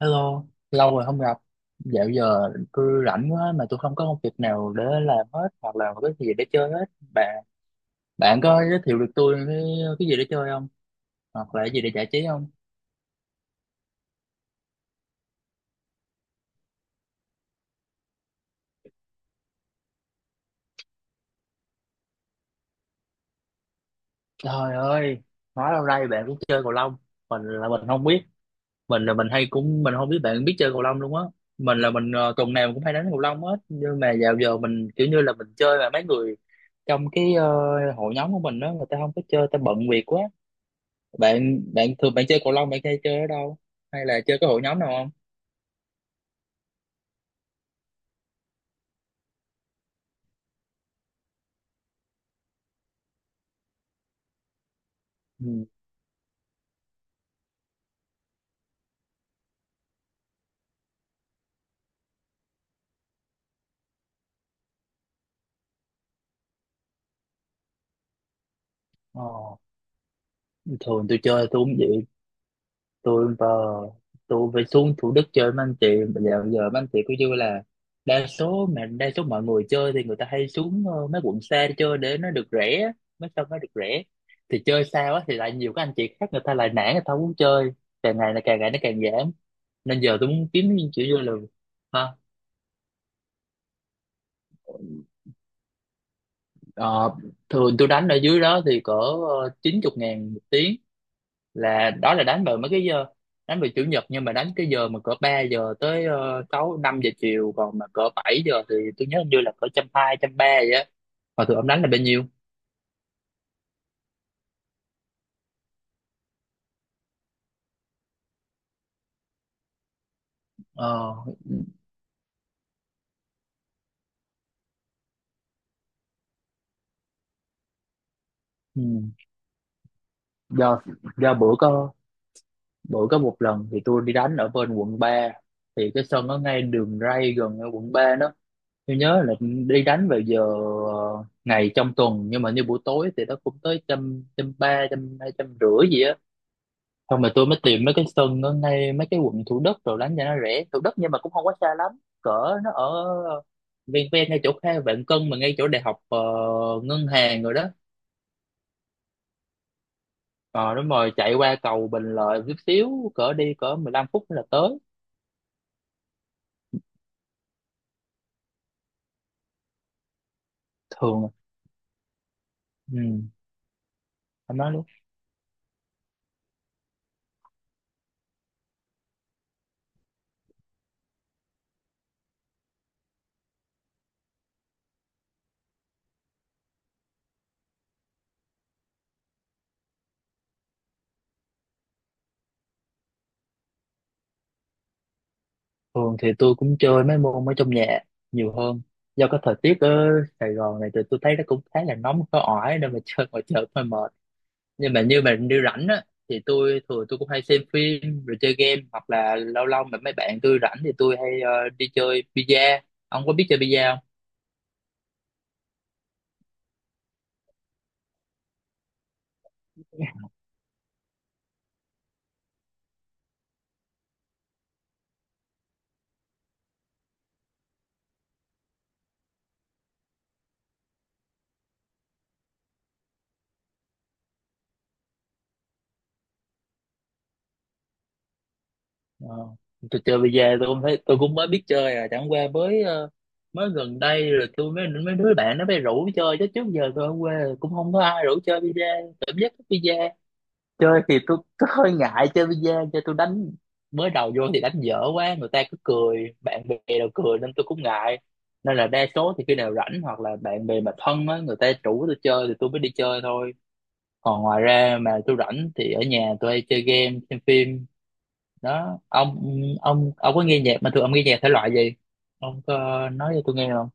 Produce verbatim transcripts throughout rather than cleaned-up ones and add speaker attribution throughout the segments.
Speaker 1: Hello, lâu rồi không gặp. Dạo giờ tôi rảnh quá mà tôi không có công việc nào để làm hết hoặc là có cái gì để chơi hết. Bạn bạn có giới thiệu được tôi cái, cái gì để chơi không? Hoặc là cái gì để giải trí không? Trời ơi, nói lâu nay bạn cũng chơi cầu lông. Mình là mình không biết. Mình là mình hay cũng mình không biết bạn biết chơi cầu lông luôn á. Mình là mình ờ, tuần nào cũng hay đánh cầu lông hết. Nhưng mà dạo giờ mình kiểu như là mình chơi mà mấy người trong cái ờ, hội nhóm của mình đó người ta không có chơi, ta bận việc quá. Bạn bạn thường bạn chơi cầu lông, bạn hay chơi ở đâu, hay là chơi cái hội nhóm nào không? Ừ. Ờ. Thường tôi chơi tôi cũng vậy. Tôi vào, tôi phải xuống Thủ Đức chơi với anh chị. Bây giờ giờ mấy anh chị cứ như là đa số mà đa số mọi người chơi thì người ta hay xuống ờ, mấy quận xa để chơi để nó được rẻ, mấy sân nó được rẻ, thì chơi xa quá thì lại nhiều các anh chị khác người ta lại nản, người ta không muốn chơi. Càng ngày là càng ngày nó càng giảm, nên giờ tôi muốn kiếm những kiểu như là. Hả? Ờ, Thường tôi đánh ở dưới đó thì cỡ ờ, chín chục ngàn một tiếng, là đó là đánh vào mấy cái giờ, đánh vào chủ nhật, nhưng mà đánh cái giờ mà cỡ ba giờ tới ờ, sáu năm giờ chiều, còn mà cỡ bảy giờ thì tôi nhớ hình như là cỡ trăm hai trăm ba vậy á. Mà thường ông đánh là bao nhiêu? Ờ, ừ, do do bữa có bữa có một lần thì tôi đi đánh ở bên quận ba, thì cái sân nó ngay đường ray gần ở quận ba đó. Tôi nhớ là đi đánh vào giờ ờ, ngày trong tuần nhưng mà như buổi tối thì nó cũng tới trăm trăm ba trăm hai trăm rưỡi gì á. Xong rồi tôi mới tìm mấy cái sân ở ngay mấy cái quận Thủ Đức rồi đánh cho nó rẻ, Thủ Đức nhưng mà cũng không quá xa lắm, cỡ nó ở ven ven ngay chỗ Kha Vạn Cân, mà ngay chỗ đại học ờ, ngân hàng rồi đó. Ờ đúng rồi, chạy qua cầu Bình Lợi chút xíu, cỡ đi cỡ mười lăm phút là tới. Thường, ừ, anh nói. Thường thì tôi cũng chơi mấy môn ở trong nhà nhiều hơn. Do cái thời tiết ở Sài Gòn này thì tôi thấy nó cũng khá là nóng có ỏi nên mà chơi ngoài trời hơi mệt. Nhưng mà như mà đi rảnh á thì tôi thường tôi cũng hay xem phim rồi chơi game, hoặc là lâu lâu mà mấy bạn tôi rảnh thì tôi hay ờ, đi chơi bida. Ông có biết chơi bida không? Ờ, tôi chơi bây tôi cũng thấy tôi cũng mới biết chơi à, chẳng qua mới ờ, mới gần đây rồi tôi mới mấy đứa bạn nó mới rủ chơi, chứ trước giờ tôi ở quê cũng không có ai rủ chơi bida, cảm giác thích bida. Chơi thì tôi, tôi hơi ngại chơi bi-a, chơi tôi đánh mới đầu vô thì đánh dở quá, người ta cứ cười, bạn bè đều cười nên tôi cũng ngại. Nên là đa số thì khi nào rảnh hoặc là bạn bè mà thân á người ta rủ tôi chơi thì tôi mới đi chơi thôi, còn ngoài ra mà tôi rảnh thì ở nhà tôi hay chơi game xem phim đó ông. Ông ông có nghe nhạc, mà thường ông nghe nhạc thể loại gì, ông có nói cho tôi nghe không?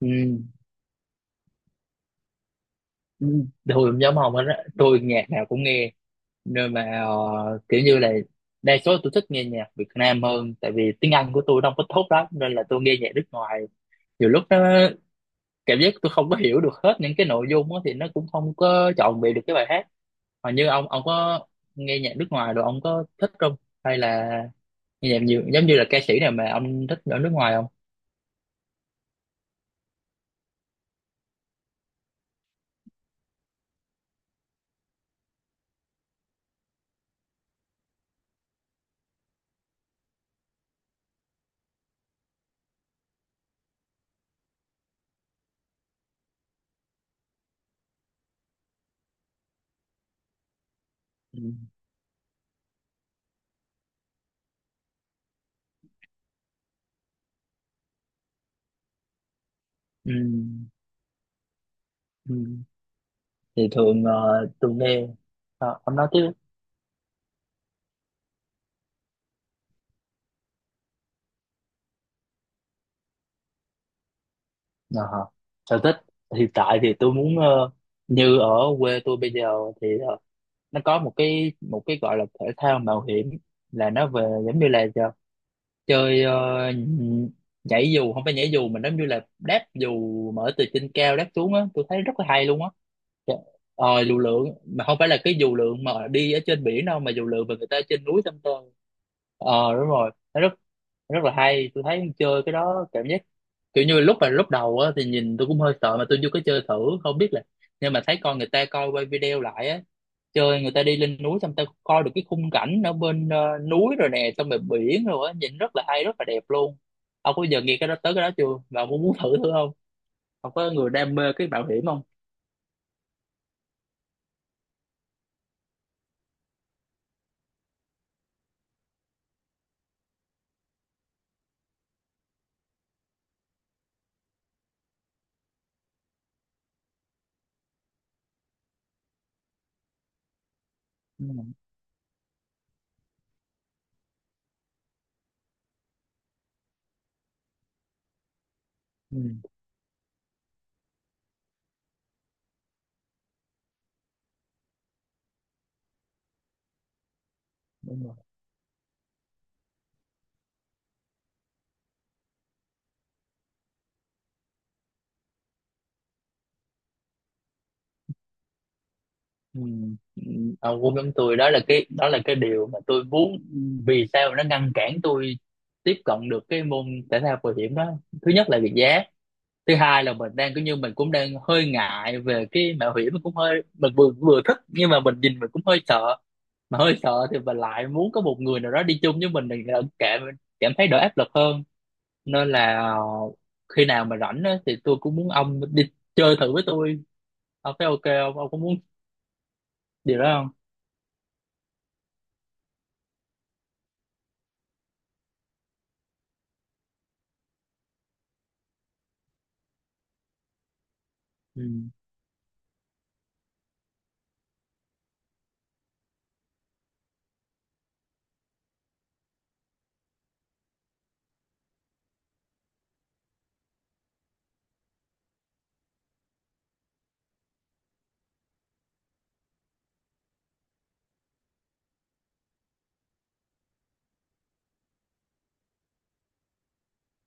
Speaker 1: Ừ, ừ. Tôi cũng giống ông hết á, tôi nhạc nào cũng nghe, nên mà ờ, kiểu như là đa số tôi thích nghe nhạc Việt Nam hơn, tại vì tiếng Anh của tôi không có tốt lắm, nên là tôi nghe nhạc nước ngoài nhiều lúc nó cảm giác tôi không có hiểu được hết những cái nội dung đó, thì nó cũng không có trọn vẹn được cái bài hát. Mà như ông ông có nghe nhạc nước ngoài rồi ông có thích không, hay là nghe nhạc nhiều giống như là ca sĩ nào mà ông thích ở nước ngoài không? Ừ. Ừ. Ừ. Thì thường ờ, tôi nghe. Ờ, ông nói tiếp. Ờ hả. Sở thích hiện tại thì tôi muốn ờ, như ở quê tôi bây giờ thì ờ, nó có một cái một cái gọi là thể thao mạo hiểm, là nó về giống như là giờ chơi ờ, nhảy dù, không phải nhảy dù mà giống như là đáp dù, mở từ trên cao đáp xuống á, tôi thấy rất là hay luôn á. Trời, ờ dù lượn, mà không phải là cái dù lượn mà đi ở trên biển đâu, mà dù lượn mà người ta trên núi tâm tơ. Ờ đúng rồi, nó rất rất là hay, tôi thấy chơi cái đó cảm giác kiểu như lúc mà lúc đầu á thì nhìn tôi cũng hơi sợ, mà tôi vô cái chơi thử không biết là, nhưng mà thấy con người ta coi quay video lại á, chơi người ta đi lên núi xong ta coi được cái khung cảnh ở bên ờ, núi rồi nè, xong rồi biển rồi á, nhìn rất là hay rất là đẹp luôn. Ông có giờ nghe cái đó tới cái đó chưa, và ông có muốn thử thử không? Ông có người đam mê cái bảo hiểm không? Ừ, ừ, đúng rồi. Ừ. Ừ. Ông cũng giống tôi đó, là cái đó là cái điều mà tôi muốn. Vì sao nó ngăn cản tôi tiếp cận được cái môn thể thao bảo hiểm đó? Thứ nhất là về giá, thứ hai là mình đang cũng như mình cũng đang hơi ngại về cái mạo hiểm, mình cũng hơi mình vừa vừa thích nhưng mà mình nhìn mình cũng hơi sợ, mà hơi sợ thì mình lại muốn có một người nào đó đi chung với mình thì lại cảm cảm thấy đỡ áp lực hơn, nên là ờ, khi nào mà rảnh á, thì tôi cũng muốn ông đi chơi thử với tôi. Ông thấy ok không, ông có muốn điều đó không? Ừ.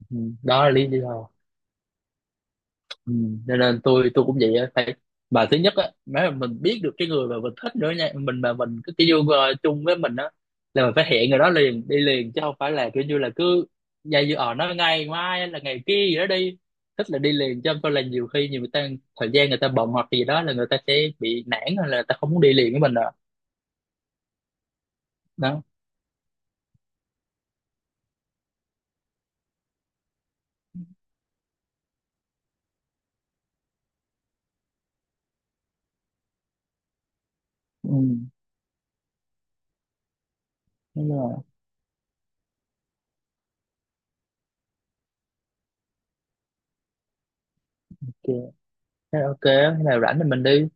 Speaker 1: Ừ. Đó là lý do. Ừ, cho nên tôi tôi cũng vậy á, phải mà thứ nhất á nếu mà mình biết được cái người mà mình thích nữa nha, mình mà mình cái cái yêu ờ, chung với mình á, là mình phải hẹn người đó liền đi liền, chứ không phải là kiểu như là cứ dây dưa ở nó ngày mai hay là ngày kia gì đó đi, thích là đi liền, chứ không phải là nhiều khi nhiều người ta thời gian người ta bận hoặc gì đó là người ta sẽ bị nản hay là người ta không muốn đi liền với mình rồi. Đó, ừ, thế là ok thế là ok, thế là rảnh thì mình đi.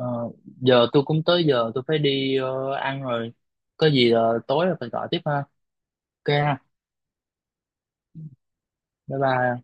Speaker 1: Ờ, giờ tôi cũng tới giờ tôi phải đi ờ, ăn rồi, có gì ờ, tối rồi mình gọi tiếp ha. Ok ha. Bye bye.